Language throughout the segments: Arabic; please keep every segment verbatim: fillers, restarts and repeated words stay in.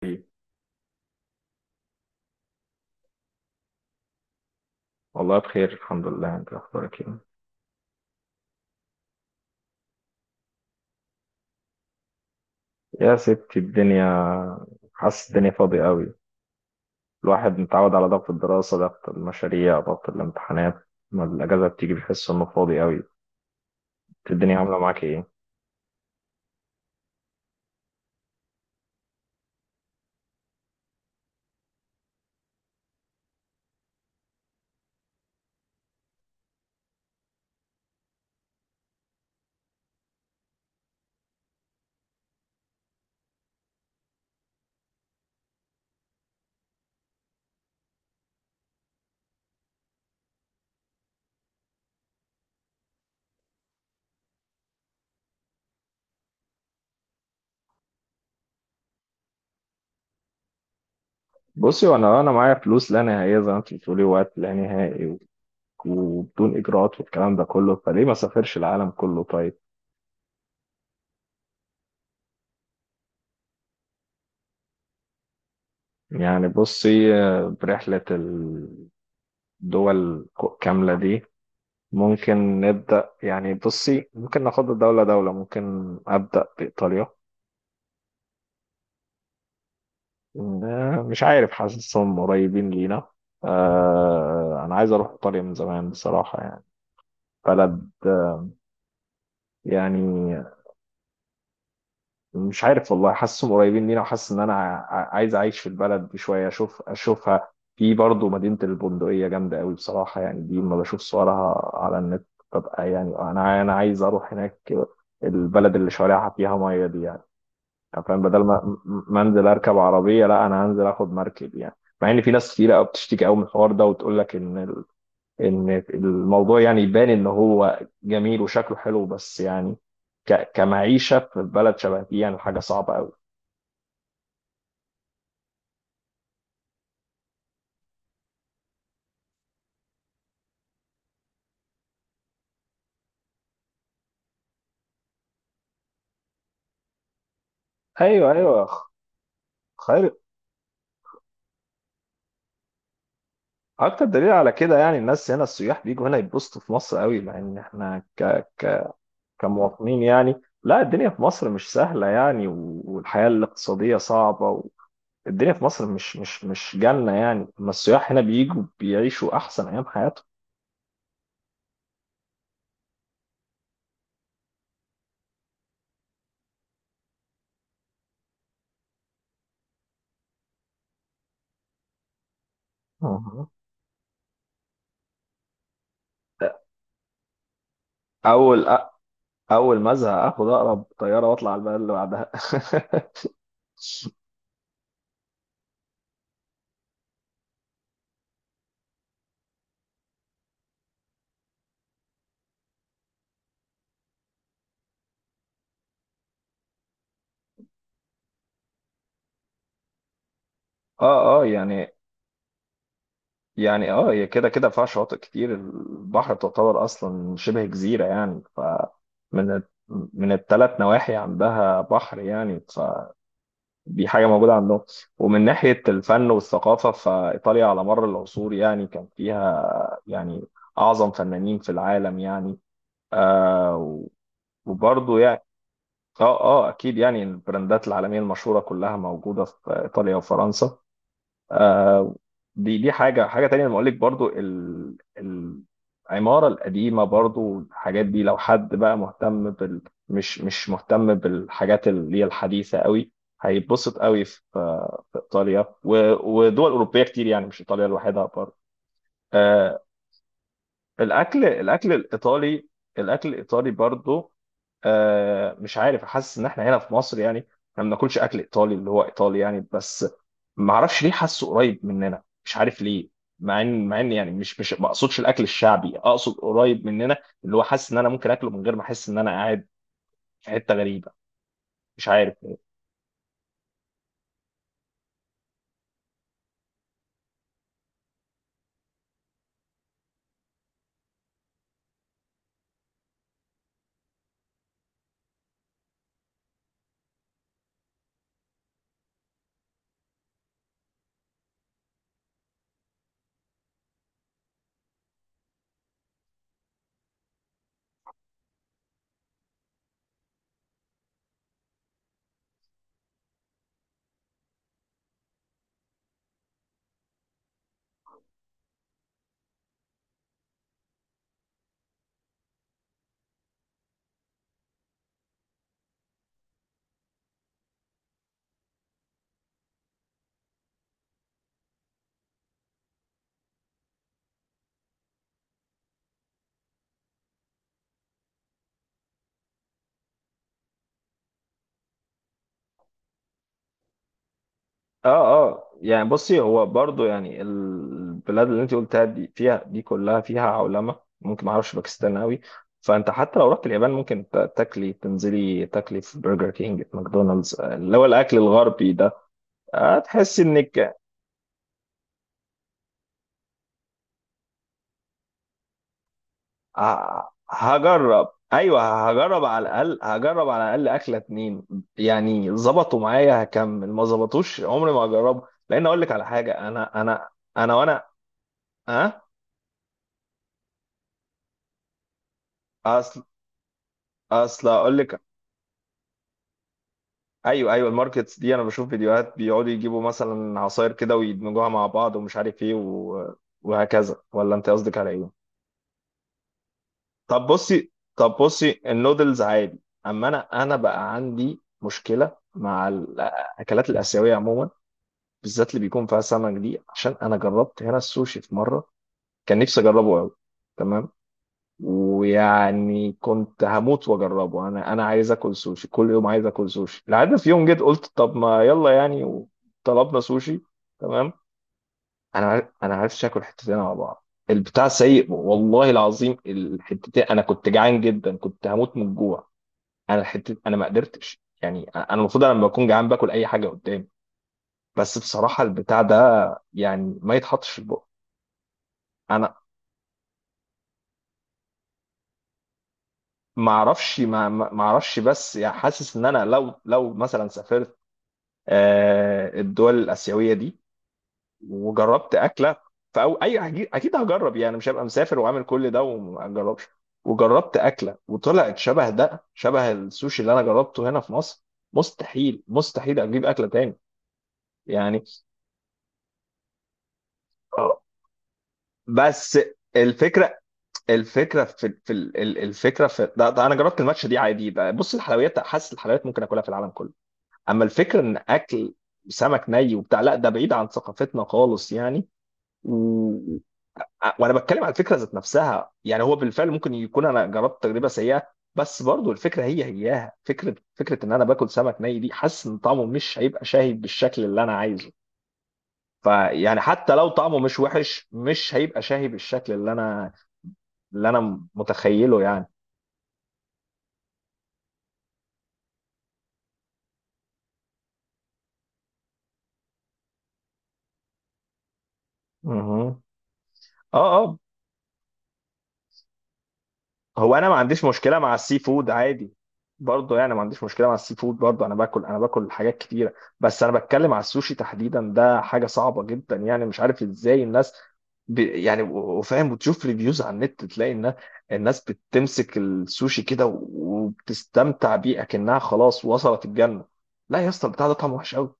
طيب. والله بخير، الحمد لله. انت اخبارك ايه؟ يا ستي الدنيا، حاسس الدنيا فاضية قوي. الواحد متعود على ضغط الدراسة، ضغط المشاريع، ضغط الامتحانات. لما الأجازة بتيجي بيحس إنه فاضي قوي. انت الدنيا عاملة معاك ايه؟ بصي، وأنا أنا معايا فلوس لا نهائية زي ما انت بتقولي، وقت لا نهائي و- وبدون إجراءات والكلام ده كله، فليه ما سافرش العالم كله طيب؟ يعني بصي، آه، برحلة الدول كاملة دي ممكن نبدأ. يعني بصي، ممكن ناخد دولة دولة. ممكن أبدأ بإيطاليا. آه، مش عارف، حاسسهم قريبين لينا. آه، أنا عايز أروح إيطاليا من زمان بصراحة، يعني بلد، يعني مش عارف والله، حاسسهم قريبين لينا. وحاسس إن أنا ع- عايز أعيش في البلد دي شوية، أشوف أشوفها. في برضه مدينة البندقية جامدة قوي بصراحة، يعني دي لما بشوف صورها على النت ببقى يعني أنا أنا عايز أروح هناك. البلد اللي شوارعها فيها مية دي، يعني فاهم، بدل ما م- ما انزل اركب عربيه، لا، انا هنزل اخد مركب يعني. مع ان في ناس كتير قوي بتشتكي قوي من الحوار ده وتقول لك ان ال- ان الموضوع يعني يبان ان هو جميل وشكله حلو، بس يعني ك- كمعيشه في بلد شبه دي يعني حاجه صعبه قوي. ايوه ايوه. خ- خير. اكتر دليل على كده، يعني الناس هنا، السياح بيجوا هنا يتبسطوا في مصر قوي، مع ان احنا ك... ك... كمواطنين يعني لا، الدنيا في مصر مش سهله يعني، والحياه الاقتصاديه صعبه. الدنيا في مصر مش مش مش جنة يعني، اما السياح هنا بيجوا بيعيشوا أحسن أيام حياتهم. مهم. أول أ- أول ما أزهق آخد أقرب طيارة وأطلع على البلد اللي بعدها اه اه يعني. يعني اه، هي كده كده فيها شواطئ كتير، البحر تعتبر أصلا شبه جزيرة يعني ف من ال- من الثلاث نواحي عندها بحر يعني. دي حاجة موجودة عندهم. ومن ناحية الفن والثقافة، فإيطاليا على مر العصور يعني كان فيها يعني أعظم فنانين في العالم يعني. آه. وبرضه يعني اه اه، اكيد يعني البراندات العالميه المشهوره كلها موجوده في ايطاليا وفرنسا. آه، دي دي حاجة حاجة تانية لما أقول لك برضو ال- العمارة القديمة، برضو الحاجات دي لو حد بقى مهتم بال، مش مش مهتم بالحاجات اللي هي الحديثة قوي، هيتبسط قوي في في إيطاليا و- ودول أوروبية كتير يعني، مش إيطاليا لوحدها برضو. آه، الاكل الاكل الايطالي، الاكل الايطالي برضو، آه مش عارف، حاسس ان احنا هنا في مصر يعني احنا ما بناكلش اكل ايطالي اللي هو ايطالي يعني، بس ما اعرفش ليه، حاسه قريب مننا مش عارف ليه. مع ان مع ان يعني مش مش ما اقصدش الاكل الشعبي، اقصد قريب مننا، اللي هو حاسس ان انا ممكن اكله من غير ما احس ان انا قاعد في حته غريبه. مش عارف. اه اه، يعني بصي، هو برضو يعني البلاد اللي انت قلتها دي فيها، دي كلها فيها عولمه، ممكن ما اعرفش باكستان قوي. فانت حتى لو رحت اليابان ممكن ت- تاكلي، تنزلي تاكلي في برجر كينج، في ماكدونالدز، آه، اللي هو الاكل الغربي ده. آه، تحسي انك، آه، هجرب، ايوه هجرب، على الاقل هجرب على الاقل اكله اتنين، يعني ظبطوا معايا هكمل، ما ظبطوش عمري ما هجربه. لان اقول لك على حاجه، انا انا انا وانا اه. اصل اصل اقول لك، ايوه ايوه، الماركتس دي انا بشوف فيديوهات بيقعدوا يجيبوا مثلا عصاير كده ويدمجوها مع بعض، ومش عارف ايه و... وهكذا، ولا انت قصدك على ايه؟ طب بصي، طب بصي النودلز عادي، اما انا انا بقى عندي مشكله مع الاكلات الاسيويه عموما، بالذات اللي بيكون فيها سمك دي. عشان انا جربت هنا السوشي في مره، كان نفسي اجربه قوي. تمام. ويعني كنت هموت واجربه، انا انا عايز اكل سوشي كل يوم، عايز اكل سوشي، لحد في يوم جيت قلت طب ما يلا يعني. طلبنا سوشي. تمام. انا عار- انا عرفتش اكل حتتين على بعض. البتاع سيء والله العظيم. الحتتين، انا كنت جعان جدا، كنت هموت من الجوع. انا الحتة انا ما قدرتش يعني، انا المفروض أنا لما بكون جعان باكل اي حاجه قدامي، بس بصراحه البتاع ده يعني ما يتحطش في البق. انا ما اعرفش، ما ما ما اعرفش، بس يعني حاسس ان انا لو لو مثلا سافرت، آه، الدول الآسيوية دي، وجربت أكلة، فأو أي، أكيد أكيد هجرب يعني، مش هبقى مسافر وعامل كل ده وما أجربش، وجربت أكلة وطلعت شبه ده، شبه السوشي اللي أنا جربته هنا في مصر، مستحيل مستحيل أجيب أكلة تاني. يعني آه، بس الفكرة، الفكرة في في ال- ال- الفكرة في ده, ده أنا جربت الماتش دي عادي بقى. بص، الحلويات حاسس الحلويات ممكن أكلها في العالم كله، أما الفكرة إن أكل سمك ني وبتاع، لا، ده بعيد عن ثقافتنا خالص يعني. ع- وانا بتكلم على الفكره ذات نفسها يعني. هو بالفعل ممكن يكون انا جربت تجربه سيئه، بس برضو الفكره هي هياها فكره، فكره ان انا باكل سمك ني دي، حاسس ان طعمه مش هيبقى شاهي بالشكل اللي انا عايزه. فيعني حتى لو طعمه مش وحش، مش هيبقى شاهي بالشكل اللي انا اللي انا متخيله يعني. مهم. اه اه، هو انا ما عنديش مشكله مع السي فود عادي، برضه يعني ما عنديش مشكله مع السي فود، برضه انا باكل انا باكل حاجات كتيره، بس انا بتكلم على السوشي تحديدا، ده حاجه صعبه جدا، يعني مش عارف ازاي الناس ب... يعني و- وفاهم، وتشوف ريفيوز على النت تلاقي ان الناس بتمسك السوشي كده و- وبتستمتع بيه اكنها خلاص وصلت الجنه. لا يا اسطى، البتاع ده طعمه وحش قوي.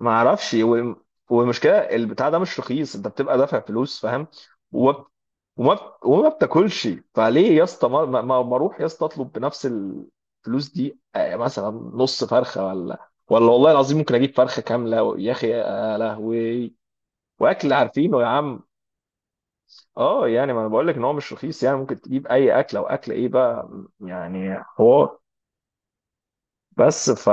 ما اعرفش و... والمشكله البتاع ده مش رخيص، انت بتبقى دافع فلوس فاهم، وما بت- وما بتاكلش. فليه يا اسطى ما, ما, ما ما اروح يا اسطى اطلب بنفس الفلوس دي، آه، مثلا نص فرخه، ولا ولا والله العظيم ممكن اجيب فرخه كامله، يا اخي يا لهوي، واكل عارفينه يا عم. اه يعني، ما انا بقول لك ان هو مش رخيص يعني، ممكن تجيب اي اكل، او اكل ايه بقى، يعني حوار. بس ف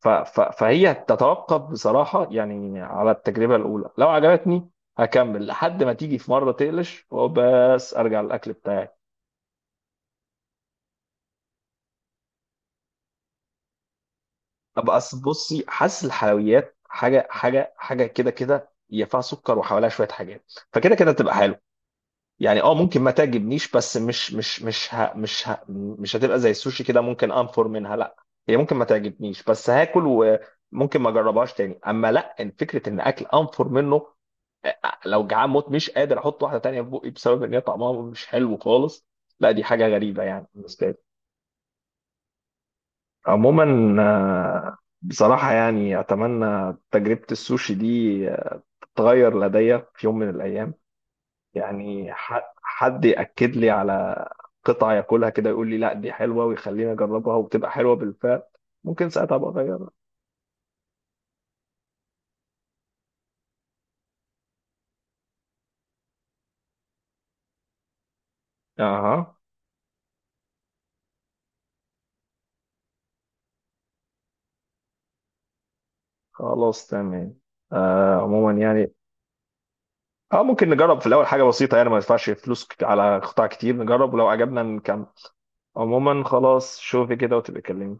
ف ف فهي تتوقف بصراحه يعني على التجربه الاولى، لو عجبتني هكمل لحد ما تيجي في مره تقلش، وبس ارجع للاكل بتاعي. ابقى اصل بصي، حاسس الحلويات حاجه حاجه حاجه كده، كده ينفع سكر وحواليها شويه حاجات، فكده كده تبقى حلو، يعني اه ممكن ما تعجبنيش، بس مش مش مش ه مش ه مش هتبقى زي السوشي كده ممكن انفر منها، لا. هي ممكن ما تعجبنيش بس هاكل، وممكن ما اجربهاش تاني، اما لا إن فكره ان اكل انفر منه، آه، لو جعان موت مش قادر احط واحده تانيه في بقي بسبب ان هي طعمها مش حلو خالص، لا دي حاجه غريبه يعني بالنسبه لي. عموما آه، بصراحة يعني أتمنى تجربة السوشي دي آه، تتغير لدي في يوم من الأيام، يعني ح- حد يأكد لي على قطعة ياكلها كده يقول لي لا دي حلوة، ويخليني أجربها وبتبقى حلوة بالفعل، ممكن ساعتها أبقى أغيرها. أها. خلاص تمام. آه عموما يعني اه، ممكن نجرب في الأول حاجة بسيطة، يعني ما ندفعش فلوس ك- على قطع كتير، نجرب ولو عجبنا نكمل. عموما خلاص، شوفي كده وتبقى كلمني.